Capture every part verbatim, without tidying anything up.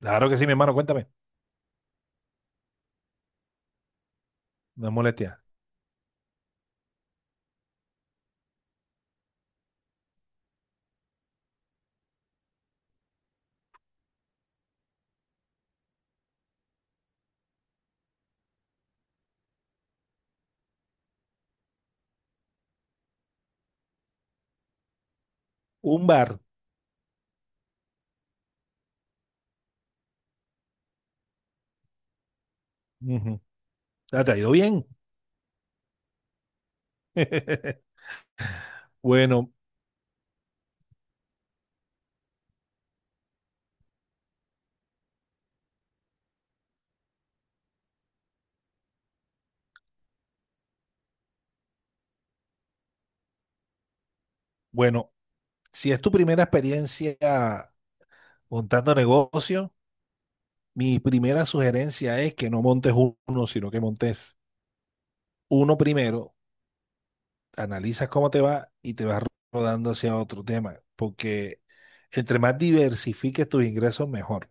Claro que sí, mi hermano, cuéntame. No es molestia. Un bar. Ujú. Ah, ¿te ha ido bien? Bueno, bueno, si es tu primera experiencia montando negocio, mi primera sugerencia es que no montes uno, sino que montes uno primero, analizas cómo te va y te vas rodando hacia otro tema, porque entre más diversifiques tus ingresos, mejor.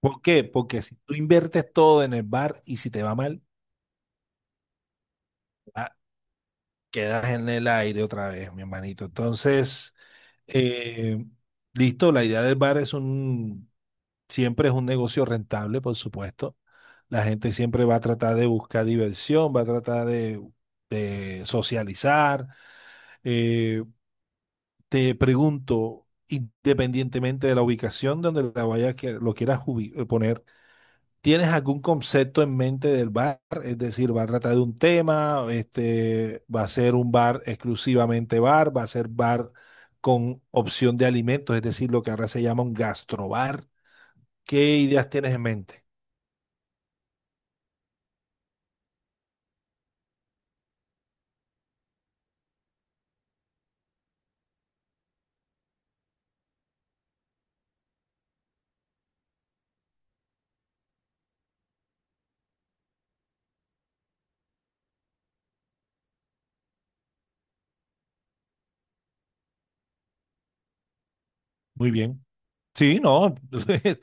¿Por qué? Porque si tú inviertes todo en el bar y si te va mal, va quedas en el aire otra vez, mi hermanito. Entonces, eh, listo, la idea del bar es un, siempre es un negocio rentable, por supuesto. La gente siempre va a tratar de buscar diversión, va a tratar de, de socializar. Eh, te pregunto, independientemente de la ubicación donde la vayas que lo quieras ubi- eh, poner, ¿tienes algún concepto en mente del bar? Es decir, ¿va a tratar de un tema? Este, ¿va a ser un bar exclusivamente bar? ¿Va a ser bar con opción de alimentos? Es decir, lo que ahora se llama un gastrobar. ¿Qué ideas tienes en mente? Muy bien. Sí, no,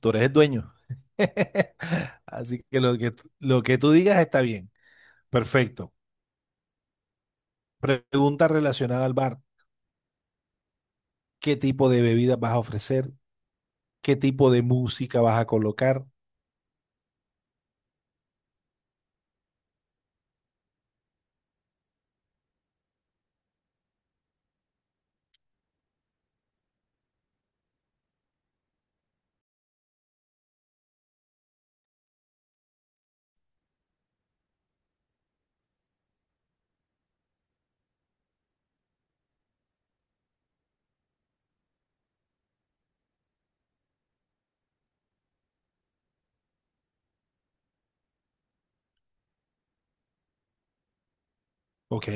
tú eres el dueño. Así que lo que, lo que tú digas está bien. Perfecto. Pregunta relacionada al bar. ¿Qué tipo de bebidas vas a ofrecer? ¿Qué tipo de música vas a colocar? Ok.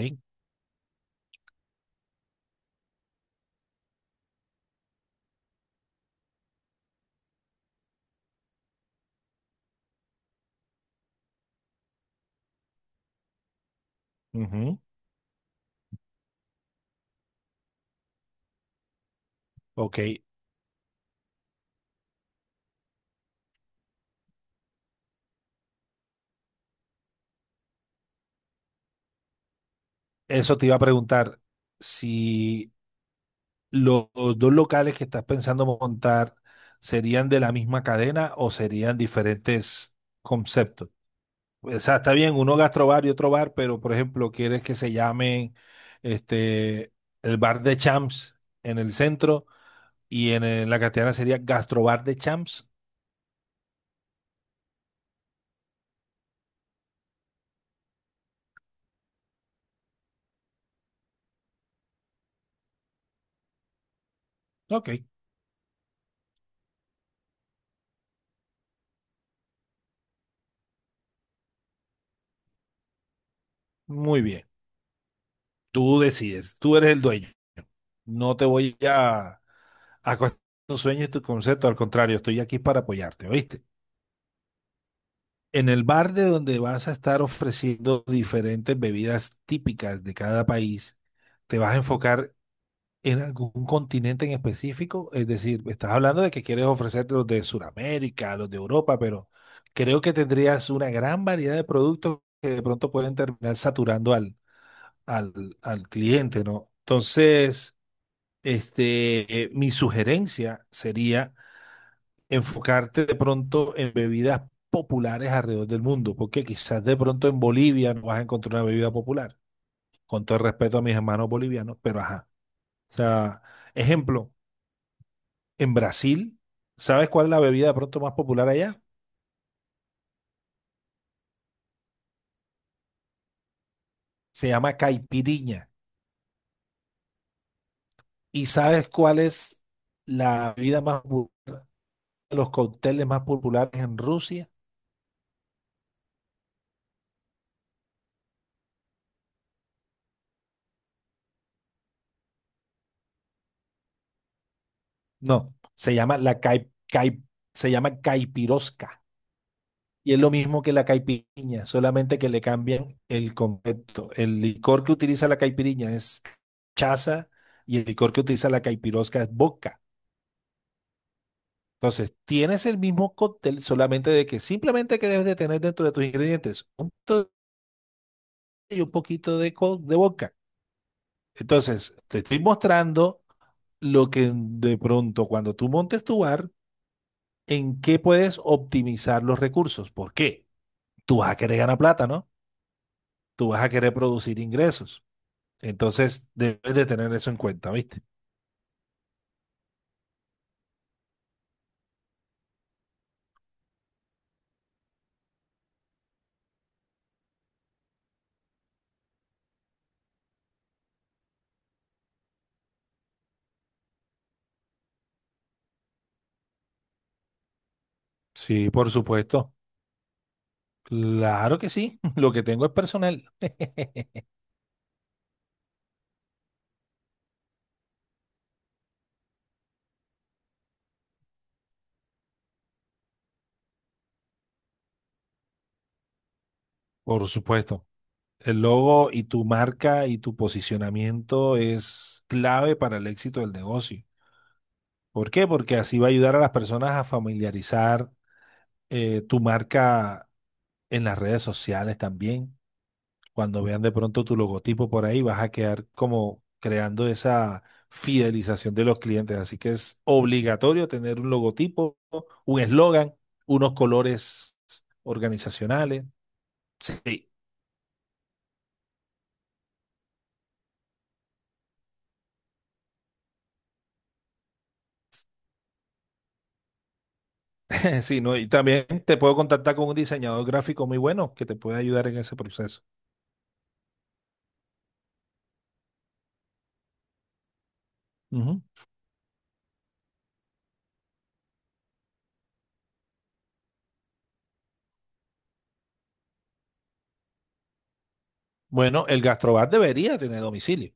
Ujú. Ok, eso te iba a preguntar, si lo- los dos locales que estás pensando montar serían de la misma cadena o serían diferentes conceptos. O sea, está bien, uno gastrobar y otro bar, pero por ejemplo, quieres que se llamen este, el bar de Champs en el centro y en, eh, la Castellana sería gastrobar de Champs. Ok, muy bien. Tú decides, tú eres el dueño. No te voy a, a cuestionar tus sueños y tus conceptos, al contrario, estoy aquí para apoyarte, ¿oíste? En el bar de donde vas a estar ofreciendo diferentes bebidas típicas de cada país, te vas a enfocar en algún continente en específico, es decir, estás hablando de que quieres ofrecerte los de Sudamérica, los de Europa, pero creo que tendrías una gran variedad de productos que de pronto pueden terminar saturando al, al, al cliente, ¿no? Entonces... Este, eh, mi sugerencia sería enfocarte de pronto en bebidas populares alrededor del mundo, porque quizás de pronto en Bolivia no vas a encontrar una bebida popular, con todo el respeto a mis hermanos bolivianos, pero ajá. O sea, ejemplo, en Brasil, ¿sabes cuál es la bebida de pronto más popular allá? Se llama caipirinha. ¿Y sabes cuál es la bebida más popular, los cócteles más populares en Rusia? No, se llama la caip, caip- se llama caipirosca. Y es lo mismo que la caipirinha, solamente que le cambian el concepto. El licor que utiliza la caipirinha es chaza y el licor que utiliza la caipirosca es vodka. Entonces, tienes el mismo cóctel, solamente de que simplemente que debes de tener dentro de tus ingredientes un poquito y un poquito de, co- de vodka. Entonces, te estoy mostrando lo que de pronto cuando tú montes tu bar, en qué puedes optimizar los recursos. ¿Por qué? Tú vas a querer ganar plata, ¿no? Tú vas a querer producir ingresos. Entonces, debes de tener eso en cuenta, ¿viste? Sí, por supuesto. Claro que sí. Lo que tengo es personal. Por supuesto. El logo y tu marca y tu posicionamiento es clave para el éxito del negocio. ¿Por qué? Porque así va a ayudar a las personas a familiarizar eh, tu marca en las redes sociales también. Cuando vean de pronto tu logotipo por ahí, vas a quedar como creando esa fidelización de los clientes. Así que es obligatorio tener un logotipo, un eslogan, unos colores organizacionales. Sí, sí, ¿no? Y también te puedo contactar con un diseñador gráfico muy bueno que te puede ayudar en ese proceso. Ujú. Bueno, el gastrobar debería tener domicilio.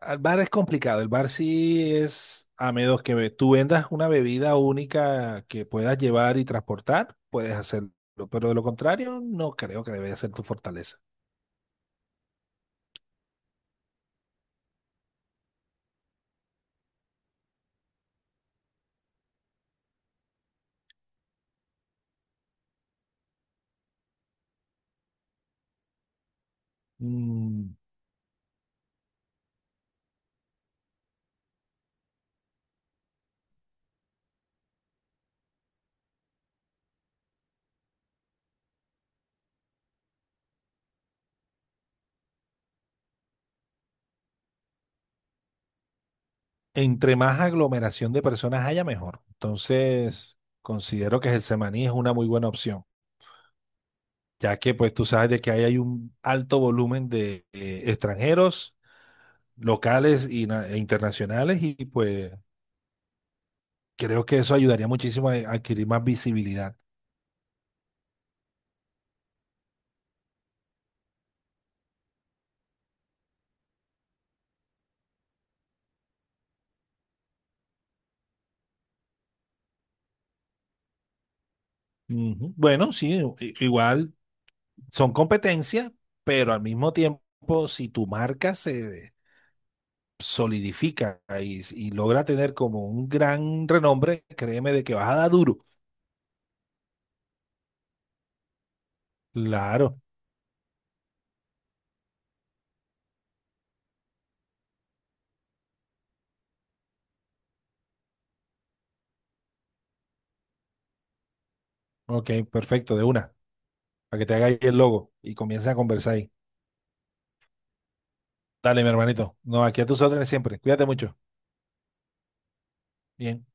El bar es complicado. El bar sí es, a menos que ve- tú vendas una bebida única que puedas llevar y transportar, puedes hacerlo. Pero de lo contrario, no creo que debería ser tu fortaleza. Mm, entre más aglomeración de personas haya, mejor. Entonces, considero que el semaní es una muy buena opción, ya que pues tú sabes de que ahí hay un alto volumen de eh, extranjeros, locales y na- e internacionales y pues creo que eso ayudaría muchísimo a a adquirir más visibilidad. Ujú. Bueno, sí, i- igual son competencias, pero al mismo tiempo, si tu marca se solidifica y, y logra tener como un gran renombre, créeme de que vas a dar duro. Claro, ok, perfecto, de una, para que te haga ahí el logo y comiences a conversar ahí. Dale, mi hermanito. No, aquí a tus órdenes siempre. Cuídate mucho. Bien.